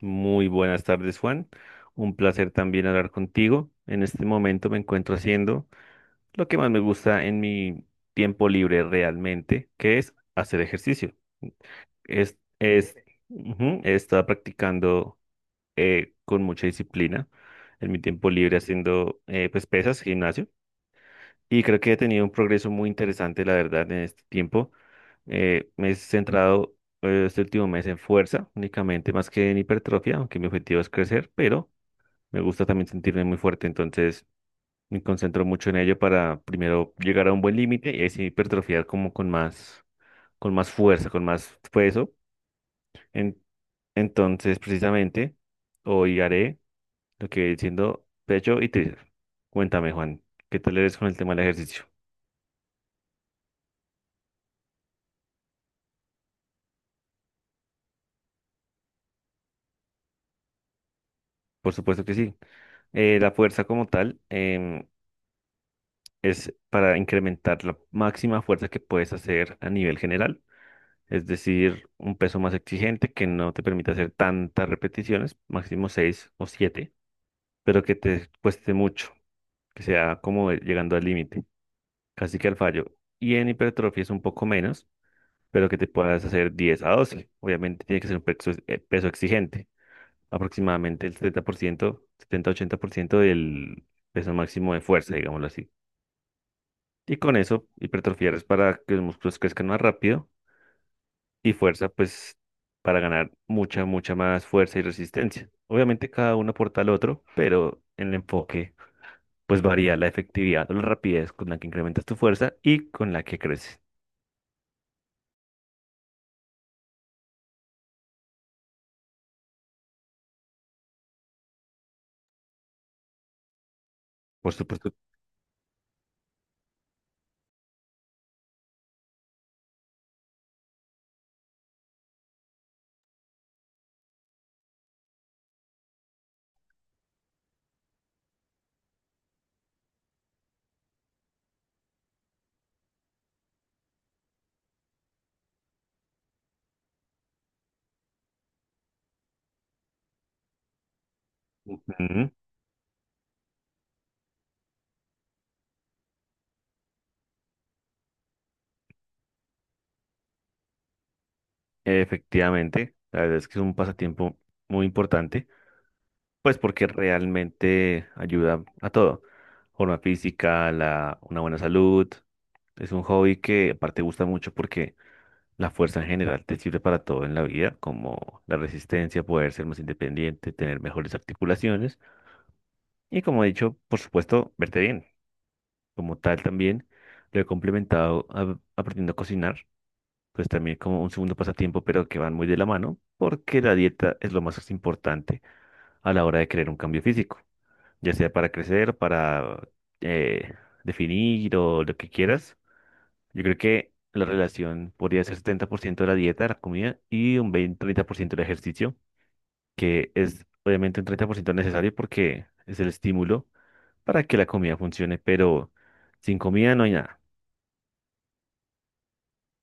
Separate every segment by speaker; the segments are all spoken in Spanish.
Speaker 1: Muy buenas tardes, Juan. Un placer también hablar contigo. En este momento me encuentro haciendo lo que más me gusta en mi tiempo libre realmente, que es hacer ejercicio. Es, es, ujú, he estado practicando con mucha disciplina en mi tiempo libre haciendo pues pesas, gimnasio. Y creo que he tenido un progreso muy interesante, la verdad, en este tiempo. Me he centrado este último mes en fuerza únicamente, más que en hipertrofia, aunque mi objetivo es crecer, pero... Me gusta también sentirme muy fuerte, entonces me concentro mucho en ello para primero llegar a un buen límite y así hipertrofiar como con más fuerza, con más peso. En- entonces, precisamente, hoy haré lo que viene siendo pecho y tríceps. Cuéntame, Juan, ¿qué tal eres con el tema del ejercicio? Por supuesto que sí. La fuerza como tal es para incrementar la máxima fuerza que puedes hacer a nivel general, es decir, un peso más exigente que no te permite hacer tantas repeticiones, máximo 6 o 7, pero que te cueste mucho, que sea como llegando al límite, casi que al fallo. Y en hipertrofia es un poco menos, pero que te puedas hacer 10 a 12. Obviamente tiene que ser un peso, peso exigente, aproximadamente el setenta por ciento, 80% del peso máximo de fuerza, digámoslo así. Y con eso, hipertrofiar es para que los músculos crezcan más rápido, y fuerza, pues para ganar mucha, mucha más fuerza y resistencia. Obviamente cada uno aporta al otro, pero en el enfoque pues varía la efectividad o la rapidez con la que incrementas tu fuerza y con la que creces. Por supuesto, ujú, efectivamente, la verdad es que es un pasatiempo muy importante, pues porque realmente ayuda a todo. Forma física, la, una buena salud. Es un hobby que aparte gusta mucho porque la fuerza en general te sirve para todo en la vida, como la resistencia, poder ser más independiente, tener mejores articulaciones y, como he dicho, por supuesto, verte bien. Como tal, también lo he complementado aprendiendo a cocinar, pues también como un segundo pasatiempo, pero que van muy de la mano, porque la dieta es lo más importante a la hora de crear un cambio físico, ya sea para crecer, para eh, definir o lo que quieras. Yo creo que la relación podría ser 70% de la dieta, la comida, y un 20, 30% del ejercicio, que es obviamente un 30% necesario porque es el estímulo para que la comida funcione, pero sin comida no hay nada.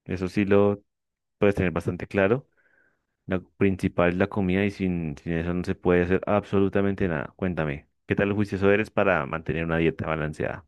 Speaker 1: Eso sí lo puedes tener bastante claro. Lo principal es la comida y sin eso no se puede hacer absolutamente nada. Cuéntame, ¿qué tal juicioso eres para mantener una dieta balanceada?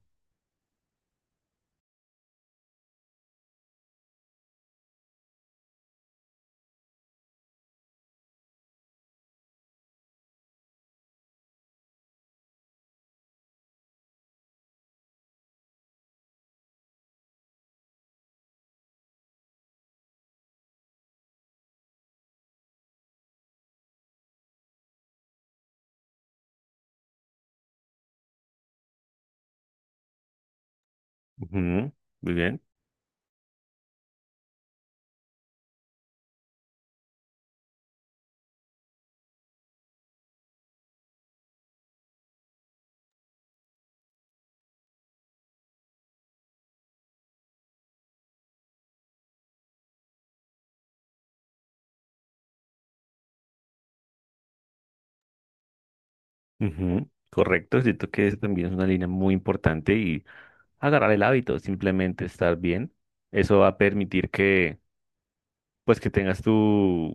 Speaker 1: Ujú, muy bien. Ujú, correcto, siento que eso también es una línea muy importante y agarrar el hábito, simplemente estar bien. Eso va a permitir que, pues, que tengas tu,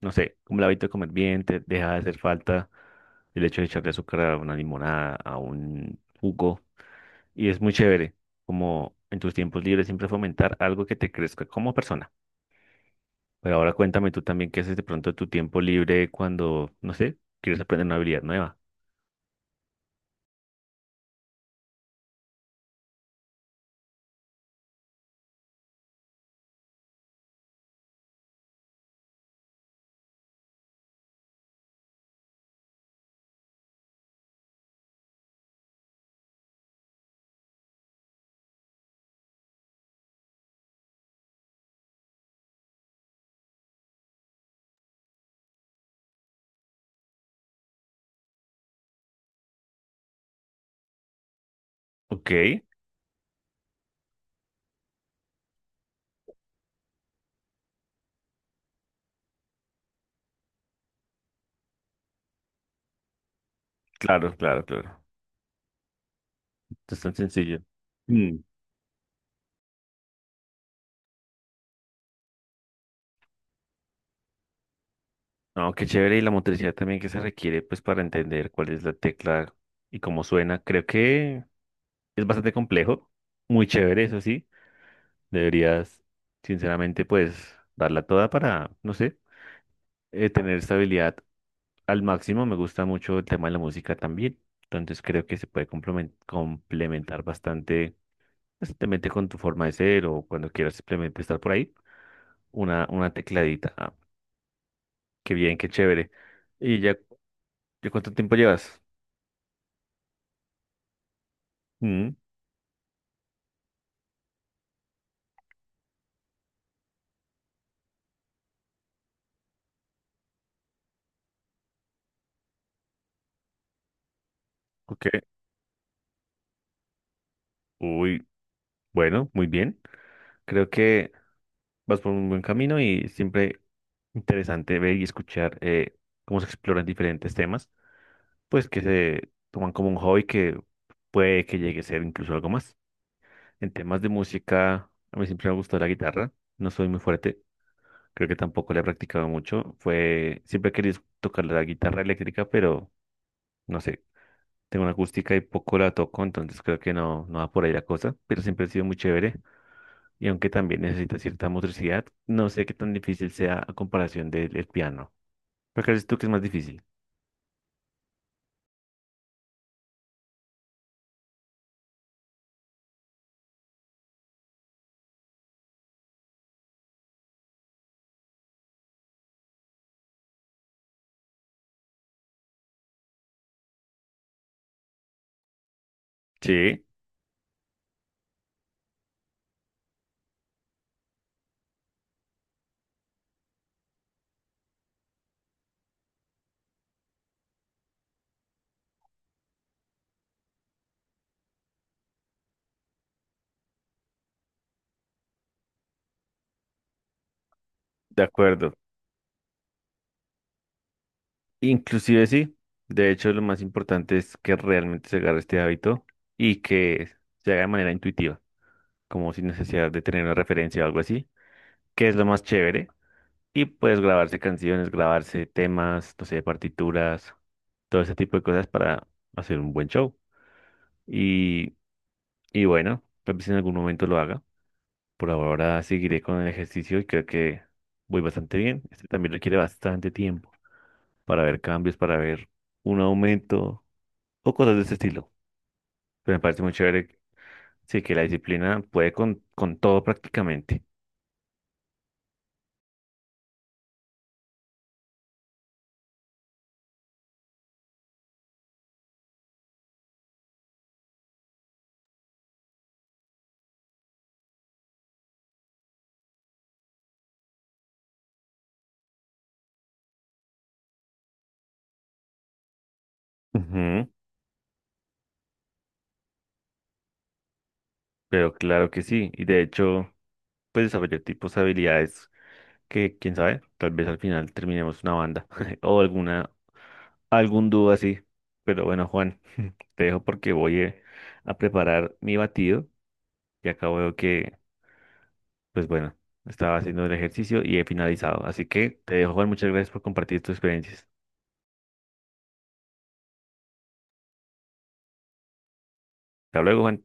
Speaker 1: no sé, como el hábito de comer bien, te deja de hacer falta el hecho de echarle azúcar a una limonada, a un jugo. Y es muy chévere, como en tus tiempos libres, siempre fomentar algo que te crezca como persona. Pero ahora cuéntame tú también qué haces de pronto de tu tiempo libre cuando, no sé, quieres aprender una habilidad nueva. Ok, claro, claro, claro. Es tan sencillo. No, qué chévere, y la motricidad también que se requiere pues para entender cuál es la tecla y cómo suena. Creo que es bastante complejo, muy chévere, eso sí. Deberías, sinceramente, pues darla toda para, no sé, tener estabilidad al máximo. Me gusta mucho el tema de la música también, entonces creo que se puede complementar bastante, pues, simplemente con tu forma de ser o cuando quieras simplemente estar por ahí, una tecladita. Ah, qué bien, qué chévere. ¿Y ya, ya cuánto tiempo llevas? Mm. Ok. Uy, bueno, muy bien. Creo que vas por un buen camino y siempre interesante ver y escuchar cómo se exploran diferentes temas, pues que se toman como un hobby que puede que llegue a ser incluso algo más. En temas de música, a mí siempre me gustó la guitarra. No soy muy fuerte, creo que tampoco la he practicado mucho. Siempre he querido tocar la guitarra eléctrica, pero no sé. Tengo una acústica y poco la toco, entonces creo que no, no va por ahí la cosa, pero siempre ha sido muy chévere. Y aunque también necesita cierta motricidad, no sé qué tan difícil sea a comparación del el piano. ¿Por qué crees tú que es más difícil? Sí, de acuerdo. Inclusive sí, de hecho lo más importante es que realmente se agarre este hábito y que se haga de manera intuitiva, como sin necesidad de tener una referencia o algo así, que es lo más chévere. Y puedes grabarse canciones, grabarse temas, no sé, partituras, todo ese tipo de cosas para hacer un buen show. Y, y bueno, tal vez en algún momento lo haga. Por ahora seguiré con el ejercicio y creo que voy bastante bien. Este también requiere bastante tiempo para ver cambios, para ver un aumento o cosas de ese estilo. Pero me parece muy chévere, sí, que la disciplina puede con todo prácticamente. Ujú, pero claro que sí, y de hecho, pues desarrollar tipos de habilidades que, quién sabe, tal vez al final terminemos una banda o alguna, algún dúo así. Pero bueno, Juan, te dejo porque voy a preparar mi batido y acabo de que... Pues bueno, estaba haciendo el ejercicio y he finalizado. Así que te dejo, Juan, muchas gracias por compartir tus experiencias. Hasta luego, Juan.